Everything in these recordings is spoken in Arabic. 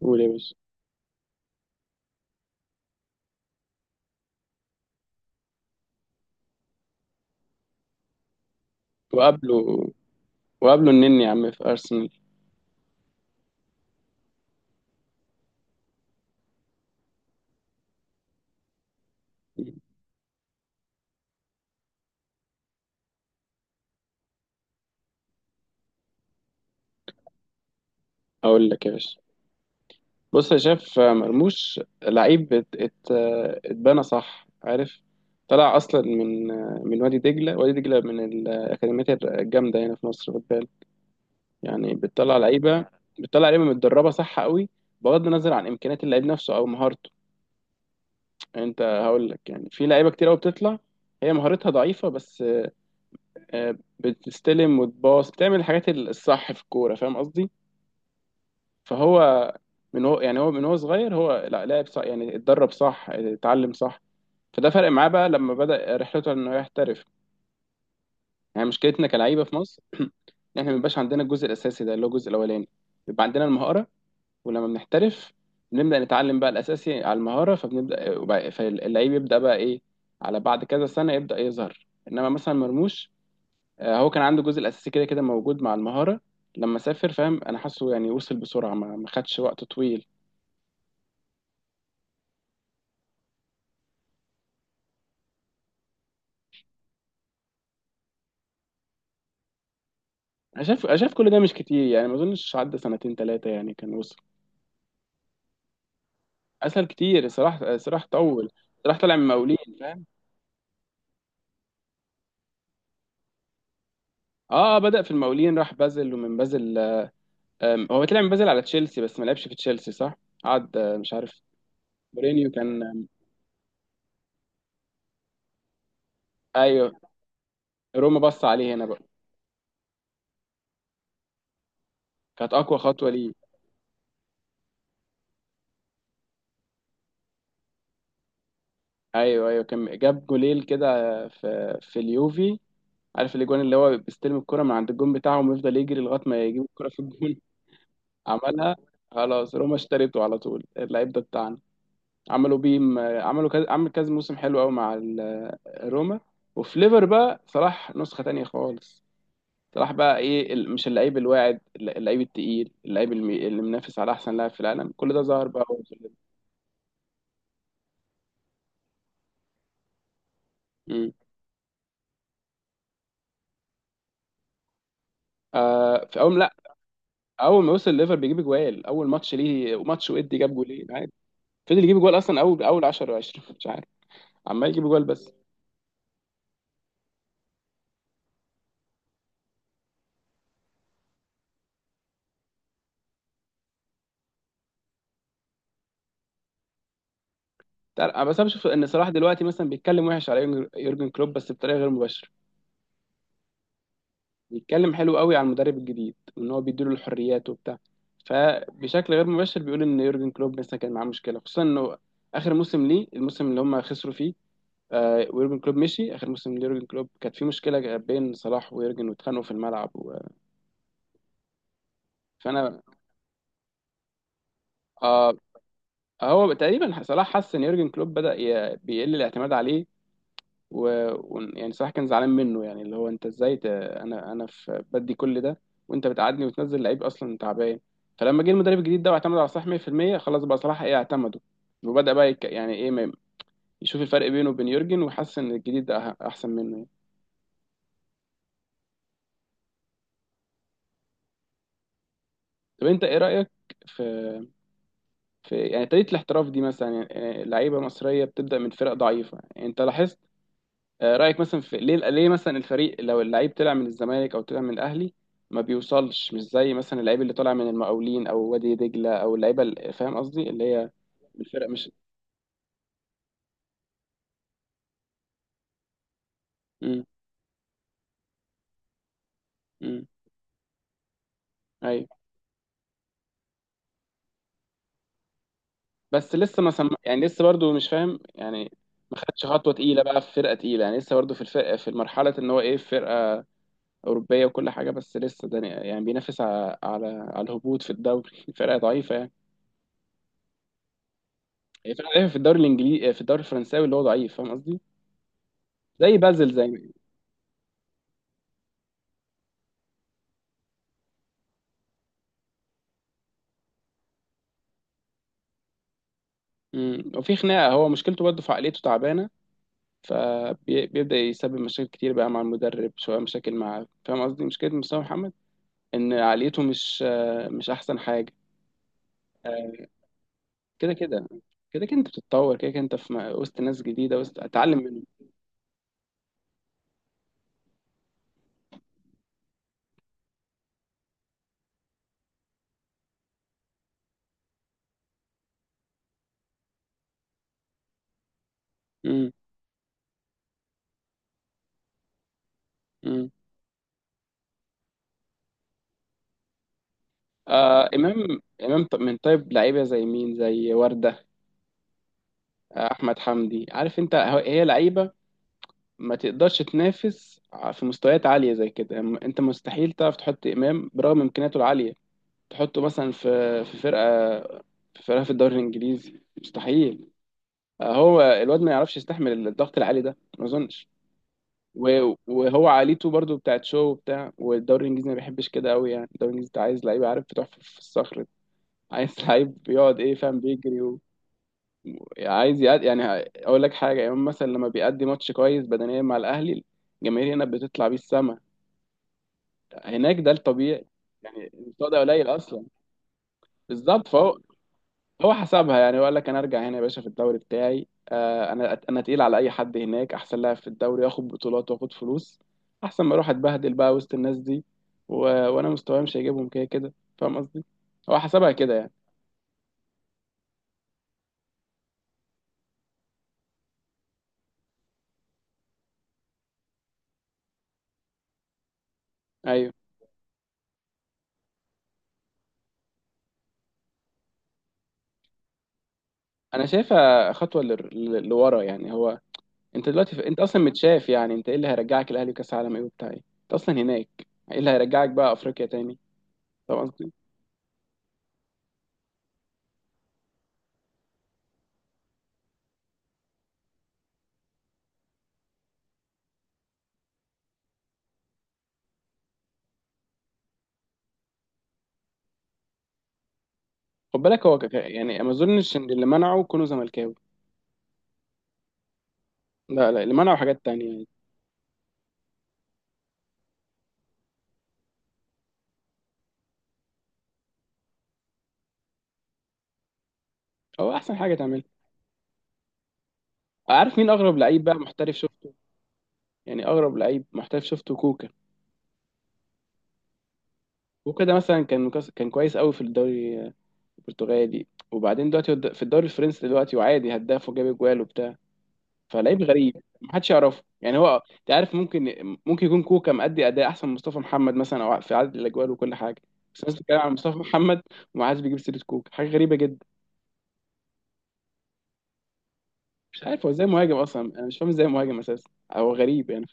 قول يا باشا. وقابله، النني يا عم في أرسنال. أقول لك يا باشا، بص يا شاف. مرموش لعيب اتبنى صح، عارف؟ طلع أصلا من وادي دجلة من الأكاديميات الجامدة هنا في مصر، خد بالك. يعني بتطلع لعيبة، بتطلع لعيبة متدربة صح قوي، بغض النظر عن إمكانيات اللعيب نفسه أو مهارته. أنت هقول لك، يعني في لعيبة كتير قوي بتطلع هي مهارتها ضعيفة، بس بتستلم وتباص، بتعمل الحاجات الصح في الكورة، فاهم قصدي؟ فهو من هو صغير، هو لا لعب صح يعني، اتدرب صح، اتعلم صح. فده فرق معاه بقى لما بدأ رحلته انه يحترف. يعني مشكلتنا كلعيبه في مصر ان احنا ما بيبقاش عندنا الجزء الاساسي ده، اللي هو الجزء الاولاني. بيبقى عندنا المهاره، ولما بنحترف بنبدأ نتعلم بقى الاساسي على المهاره، فاللعيب يبدأ بقى ايه، على بعد كذا سنه يبدأ يظهر. انما مثلا مرموش، هو كان عنده الجزء الاساسي كده كده موجود مع المهاره، لما سافر، فاهم؟ انا حاسه يعني وصل بسرعه، ما خدش وقت طويل. انا شايف كل ده مش كتير، يعني ما اظنش عدى سنتين ثلاثه يعني كان وصل. اسهل كتير. صلاح طول، صلاح طلع من المقاولين، فاهم؟ اه، بدا في المقاولين، راح بازل، ومن بازل آم، هو طلع من بازل على تشيلسي، بس ما لعبش في تشيلسي، صح؟ قعد مش عارف. مورينيو كان. ايوه. روما بص عليه هنا بقى. كانت اقوى خطوه ليه. ايوه، ايوه، كان جاب جوليل كده في اليوفي عارف الاجوان؟ اللي هو بيستلم الكره من عند الجون بتاعهم ويفضل يجري لغايه ما يجيب الكره في الجون. عملها، خلاص، روما اشترته على طول اللعيب ده بتاعنا. عملوا كذا عمل، كذا موسم حلو قوي مع روما وفي ليفر بقى صلاح نسخة تانية خالص. صلاح بقى ايه، مش اللعيب الواعد، اللعيب التقيل، اللي منافس على احسن لاعب في العالم، كل ده ظهر بقى هو في الليفر. مم. آه في اول، لا، اول ما وصل ليفر بيجيب جوال، اول ماتش ليه ماتش ودي جاب جولين عادي. فضل يجيب جوال، اصلا اول 10 و20 مش عارف، عمال يجيب جوال بس. انا بس، أنا بشوف ان صلاح دلوقتي مثلا بيتكلم وحش على يورجن، كلوب بس بطريقه غير مباشره. بيتكلم حلو قوي على المدرب الجديد، وان هو بيديله الحريات وبتاع. فبشكل غير مباشر بيقول ان يورجن كلوب مثلا كان معاه مشكله، خصوصا انه اخر موسم ليه الموسم اللي هم خسروا فيه. آه، ويورجن كلوب مشي اخر موسم ليورجن كلوب كانت في مشكله بين صلاح ويورجن، واتخانقوا في الملعب و... فانا آه هو تقريبا صلاح حس ان يورجن كلوب بيقل الاعتماد عليه، يعني صراحة كان زعلان منه. يعني اللي هو انت ازاي انا في بدي كل ده، وانت بتقعدني وتنزل لعيب اصلا تعبان. فلما جه المدرب الجديد ده واعتمد على صلاح 100% خلاص بقى صلاح ايه، اعتمده. وبدأ بقى يك... يعني ايه ما... يشوف الفرق بينه وبين يورجن، وحس ان الجديد ده احسن منه يعني. طب انت ايه رأيك في يعني طريقة الاحتراف دي؟ مثلا يعني لعيبة مصرية بتبدأ من فرق ضعيفة، يعني انت لاحظت؟ رايك مثلا في ليه مثلا الفريق لو اللعيب طلع من الزمالك او طلع من الاهلي ما بيوصلش، مش زي مثلا اللعيب اللي طالع من المقاولين او وادي دجله، او اللعيبه فاهم قصدي؟ اللي هي الفرق مش. امم. امم. ايوه. بس لسه ما سم... يعني لسه برضو مش فاهم، يعني ما خدش خطوه تقيله بقى في فرقه تقيله. يعني لسه برضو في الفرقه، في المرحله ان هو ايه، في فرقه اوروبيه وكل حاجه، بس لسه ده يعني بينافس على على الهبوط في الدوري فرقه ضعيفه يعني. هي فرقه ضعيفه في الدوري الانجليزي، في الدوري الفرنساوي اللي هو ضعيف، فاهم قصدي؟ زي بازل، زي. امم. وفي خناقه. هو مشكلته برضه في عقليته تعبانه، فبيبدا يسبب مشاكل كتير بقى مع المدرب، شويه مشاكل مع، فاهم قصدي؟ مشكله مصطفى محمد ان عقليته مش مش احسن حاجه. آه، كده كده، كده كده انت بتتطور. كده كده انت في وسط ناس جديده، وسط اتعلم منهم. امم. امم. آه، امام من طيب لعيبه زي مين، زي ورده، احمد حمدي، عارف انت؟ هي لعيبه ما تقدرش تنافس في مستويات عاليه زي كده. انت مستحيل تعرف تحط امام، برغم امكانياته العاليه، تحطه مثلا في في فرقه، في فرقه في الدوري الانجليزي، مستحيل. هو الواد ما يعرفش يستحمل الضغط العالي ده، ما اظنش. وهو عاليته برضو بتاعت شو وبتاع، والدوري الانجليزي ما بيحبش كده قوي، يعني الدوري الانجليزي ده عايز لعيب، عارف؟ بتحفر في الصخر ده. عايز لعيب بيقعد ايه، فاهم؟ بيجري عايز يقعد يعني. اقول لك حاجه، يوم مثلا لما بيأدي ماتش كويس بدنيا مع الاهلي، الجماهير هنا بتطلع بيه السما. هناك ده الطبيعي، يعني المستوى ده قليل اصلا. بالظبط، فهو، هو حسبها يعني وقال لك انا ارجع هنا يا باشا في الدوري بتاعي. انا تقيل على اي حد، هناك احسن لاعب في الدوري، اخد بطولات واخد فلوس احسن ما اروح اتبهدل بقى وسط الناس دي و... وانا مستواي مش هيجيبهم كده كده، فاهم قصدي؟ هو حسبها كده يعني. ايوه. انا شايفها خطوه لورا يعني. هو انت دلوقتي انت اصلا متشاف يعني، انت ايه اللي هيرجعك الاهلي وكاس عالم ايه وبتاع ايه؟ انت اصلا هناك. ايه اللي هيرجعك بقى افريقيا تاني؟ فاهم قصدي؟ خد بالك هو يعني ما اظنش ان اللي منعه كونه زملكاوي. لا لا، اللي منعه حاجات تانية يعني. هو احسن حاجه تعملها. عارف مين اغرب لعيب بقى محترف شفته؟ يعني اغرب لعيب محترف شفته كوكا. كوكا ده مثلا كان كان كويس قوي في الدوري البرتغالي، وبعدين دلوقتي هو في الدوري الفرنسي دلوقتي، وعادي هداف وجاب اجوال وبتاع. فلعيب غريب، محدش يعرفه يعني. هو انت عارف، ممكن يكون كوكا مأدي اداء احسن من مصطفى محمد مثلا، او في عدد الاجوال وكل حاجه، بس الناس بتتكلم عن مصطفى محمد وما حدش بيجيب سيره كوكا، حاجه غريبه جدا. مش عارف هو ازاي مهاجم اصلا، انا مش فاهم ازاي مهاجم اساسا، هو غريب يعني.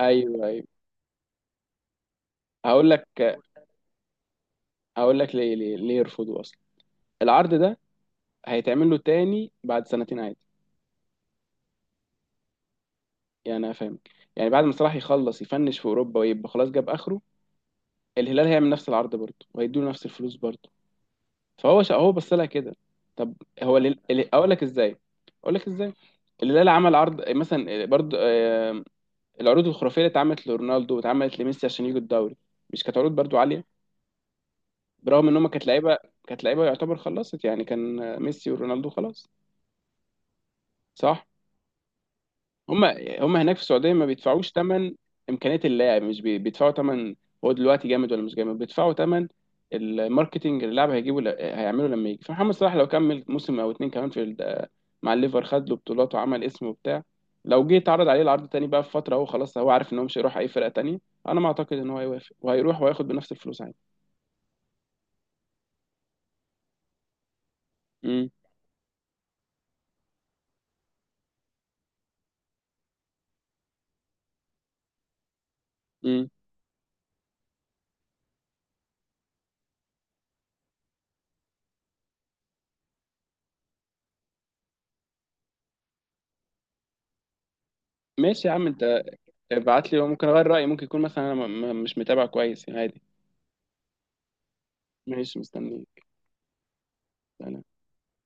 ايوه ايوه. هقول لك، هقول لك ليه، ليه يرفضوا اصلا العرض ده؟ هيتعمل له تاني بعد سنتين عادي. يعني انا فاهمك، يعني بعد ما صلاح يخلص يفنش في اوروبا ويبقى خلاص جاب اخره، الهلال هيعمل نفس العرض برضه، وهيدوا له نفس الفلوس برضه. هو بص لها كده. طب هو اقول لك ازاي، اقول لك ازاي. الهلال عمل عرض مثلا برضه، العروض الخرافيه اللي اتعملت لرونالدو واتعملت لميسي عشان يجوا الدوري، مش كانت عروض برضه عاليه؟ برغم ان هم كانت لعيبه، كانت لعيبه يعتبر خلصت يعني، كان ميسي ورونالدو خلاص، صح؟ هم، هم هناك في السعوديه ما بيدفعوش ثمن امكانيه اللاعب، مش بي- بيدفعوا ثمن، هو دلوقتي جامد ولا مش جامد، بيدفعوا ثمن الماركتنج اللي اللاعب هيجيبه هيعمله لما يجي. فمحمد صلاح لو كمل موسم او اتنين كمان في مع الليفر، خد له بطولات وعمل اسمه وبتاع، لو جه اتعرض عليه العرض تاني بقى في فتره، هو خلاص هو عارف ان هو مش هيروح اي فرقه تانيه، انا ما اعتقد ان هو هيوافق وهيروح وهياخد بنفس الفلوس عادي. امم. امم. ماشي يا عم انت، ابعت لي، ممكن اغير رايي، ممكن يكون مثلا انا مش متابع كويس يعني، عادي. ماشي، مستنيك.